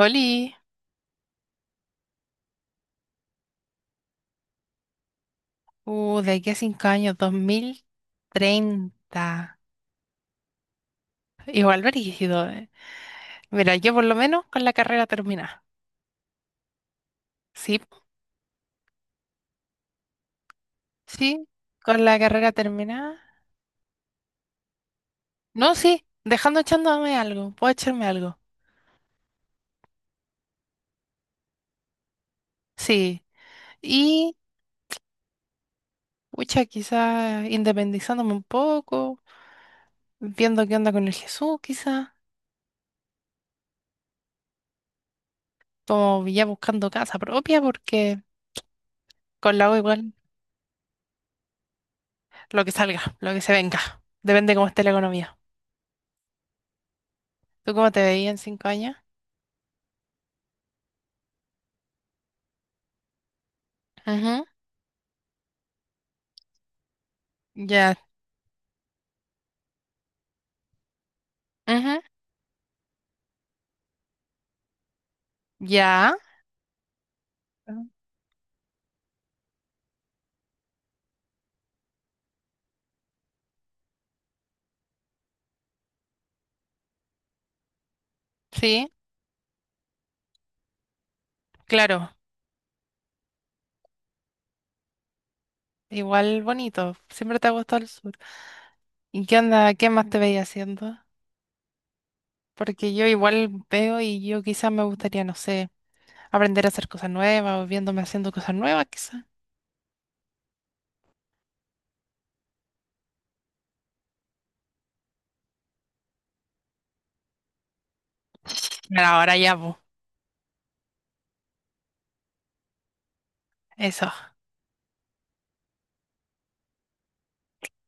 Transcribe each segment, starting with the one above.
Oli, de aquí a 5 años, 2030. Igual brígido. Mira, yo por lo menos con la carrera terminada. Sí, sí, con la carrera terminada. No, sí, dejando echándome algo, puedo echarme algo. Sí. Y, pucha, quizás independizándome un poco, viendo qué onda con el Jesús, quizás, como ya buscando casa propia, porque con la U igual, lo que salga, lo que se venga. Depende cómo esté la economía. ¿Tú cómo te veías en 5 años? Ujú. Ya. Ujú. Ya. Ah. Sí. Claro, igual bonito, siempre te ha gustado el sur. ¿Y qué onda, qué más te veía haciendo? Porque yo igual veo y yo quizás me gustaría, no sé, aprender a hacer cosas nuevas o viéndome haciendo cosas nuevas quizás. Pero ahora ya, pues, eso.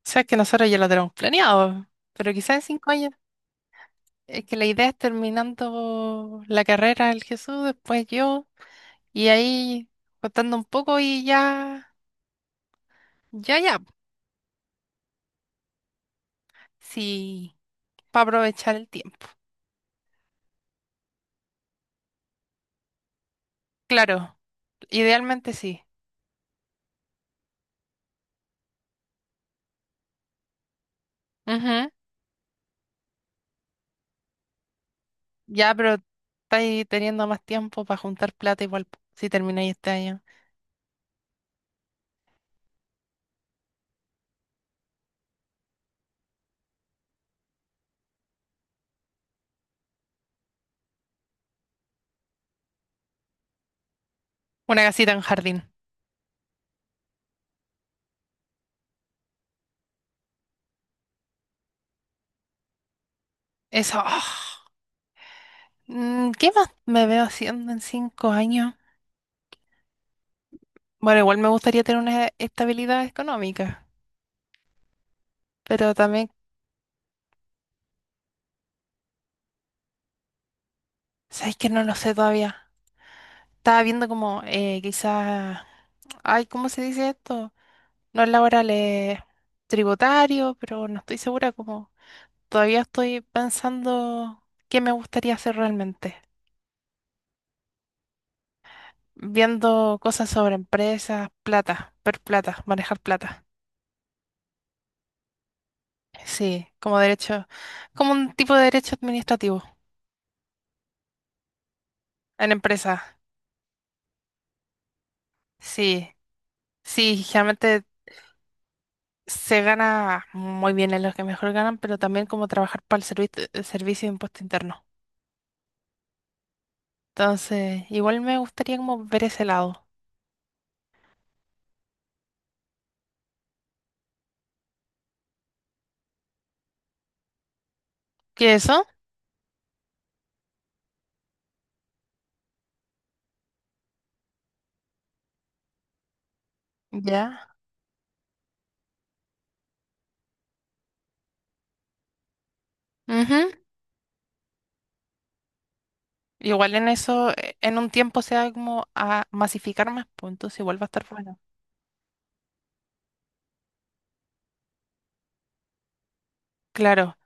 Sabes que nosotros ya lo tenemos planeado, pero quizás en 5 años. Es que la idea es terminando la carrera del Jesús, después yo, y ahí contando un poco y ya, ya, ya. Sí. Para aprovechar el tiempo. Claro, idealmente sí. Ujú. Ya, pero estáis teniendo más tiempo para juntar plata igual po, si termináis este año. Una casita en jardín. Eso. Ah. ¿Qué más me veo haciendo en 5 años? Bueno, igual me gustaría tener una estabilidad económica, pero también, ¿sabéis que no lo sé todavía? Estaba viendo como quizás, ay, ¿cómo se dice esto? No es laboral, es tributario, pero no estoy segura como todavía estoy pensando qué me gustaría hacer realmente, viendo cosas sobre empresas, plata, ver plata, manejar plata. Sí, como derecho, como un tipo de derecho administrativo en empresas. Sí, sí, generalmente se gana muy bien en los que mejor ganan, pero también como trabajar para el el servicio de impuesto interno. Entonces, igual me gustaría como ver ese lado. ¿Qué es eso? Ya. Ujú. Igual en eso, en un tiempo se va como a masificar más, pues entonces igual va a estar bueno. Claro,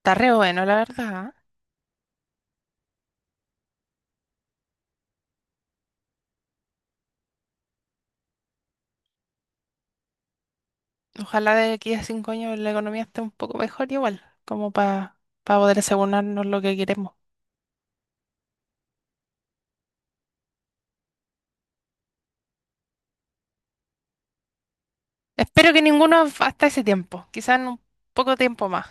está re bueno, la verdad. ¿Eh? Ojalá de aquí a cinco años la economía esté un poco mejor igual, como para poder asegurarnos lo que queremos. Espero que ninguno hasta ese tiempo, quizás en un poco tiempo más.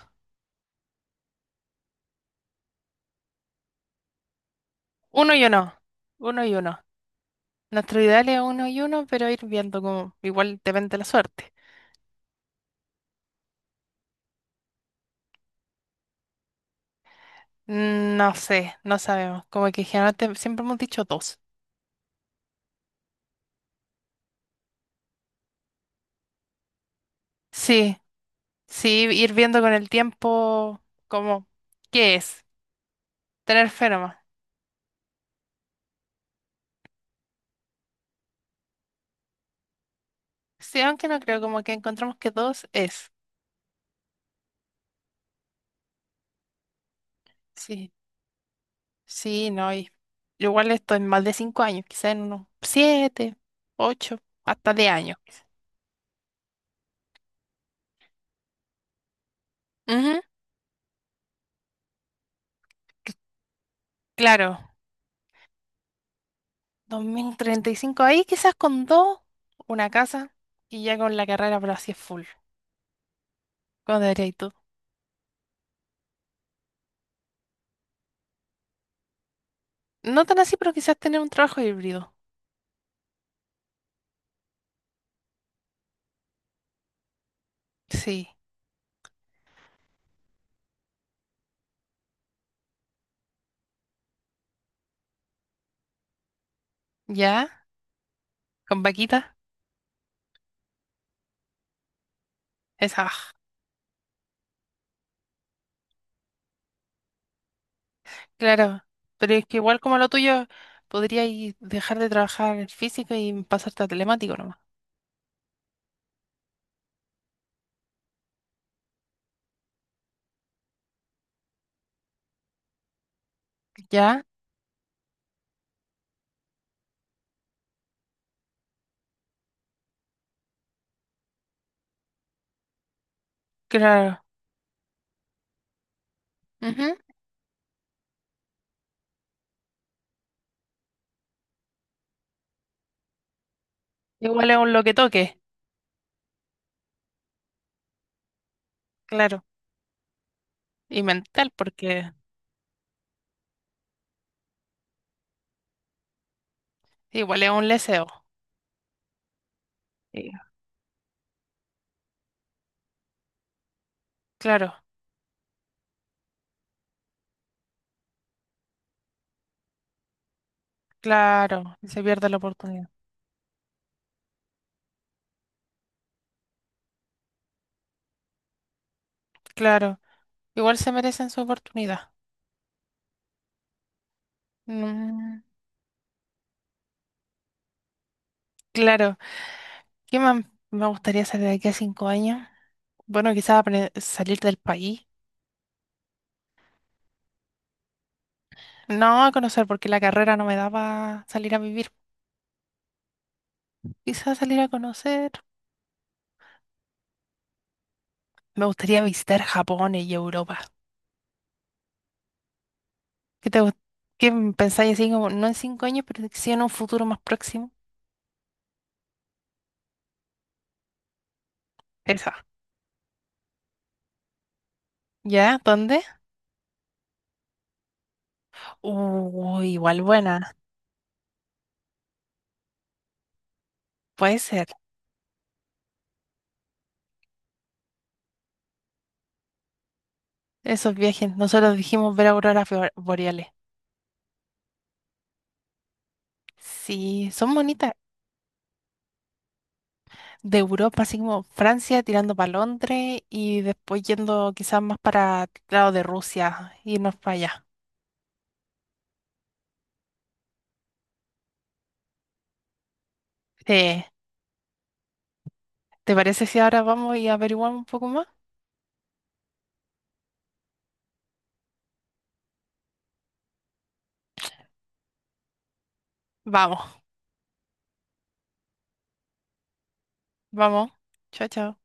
Uno y uno, uno y uno. Nuestro ideal es uno y uno, pero ir viendo como igual depende de la suerte. No sé, no sabemos, como que generalmente siempre hemos dicho dos. Sí. Sí, ir viendo con el tiempo como qué es, tener fe nomás. Sí, aunque no creo, como que encontramos que dos es. Sí, sí, no, y igual esto en más de 5 años, quizá en unos 7, 8, hasta de años. Quizá. Ujú, claro, 2035 ahí quizás con dos, una casa y ya con la carrera, pero así es full. ¿Cómo debería ir tú? No tan así, pero quizás tener un trabajo híbrido. Sí, ya, con vaquita, esa. Ah. Claro, pero es que igual como lo tuyo, podrías dejar de trabajar físico y pasarte a telemático nomás. ¿Ya? Claro. Ujú. Igual es un lo que toque, claro. Y mental, porque igual es un leseo. Sí. Claro, claro. Y se pierde la oportunidad. Claro. Igual se merecen su oportunidad. Mm, claro. ¿Qué más me gustaría hacer de aquí a 5 años? Bueno, quizás salir del país. No, a conocer, porque la carrera no me daba salir a vivir. Quizás salir a conocer. Me gustaría visitar Japón y Europa. ¿Qué te, gu- qué pensáis así como, no en 5 años, pero sí en un futuro más próximo? Esa. ¿Ya? ¿Dónde? Uy, igual buena. Puede ser. Esos viajes. Nosotros dijimos ver auroras boreales. Sí, son bonitas. De Europa, así como Francia, tirando para Londres y después yendo quizás más para el lado de Rusia, irnos para allá. Sí. ¿Te parece si ahora vamos y averiguamos un poco más? Vamos. Vamos. Chao, chao.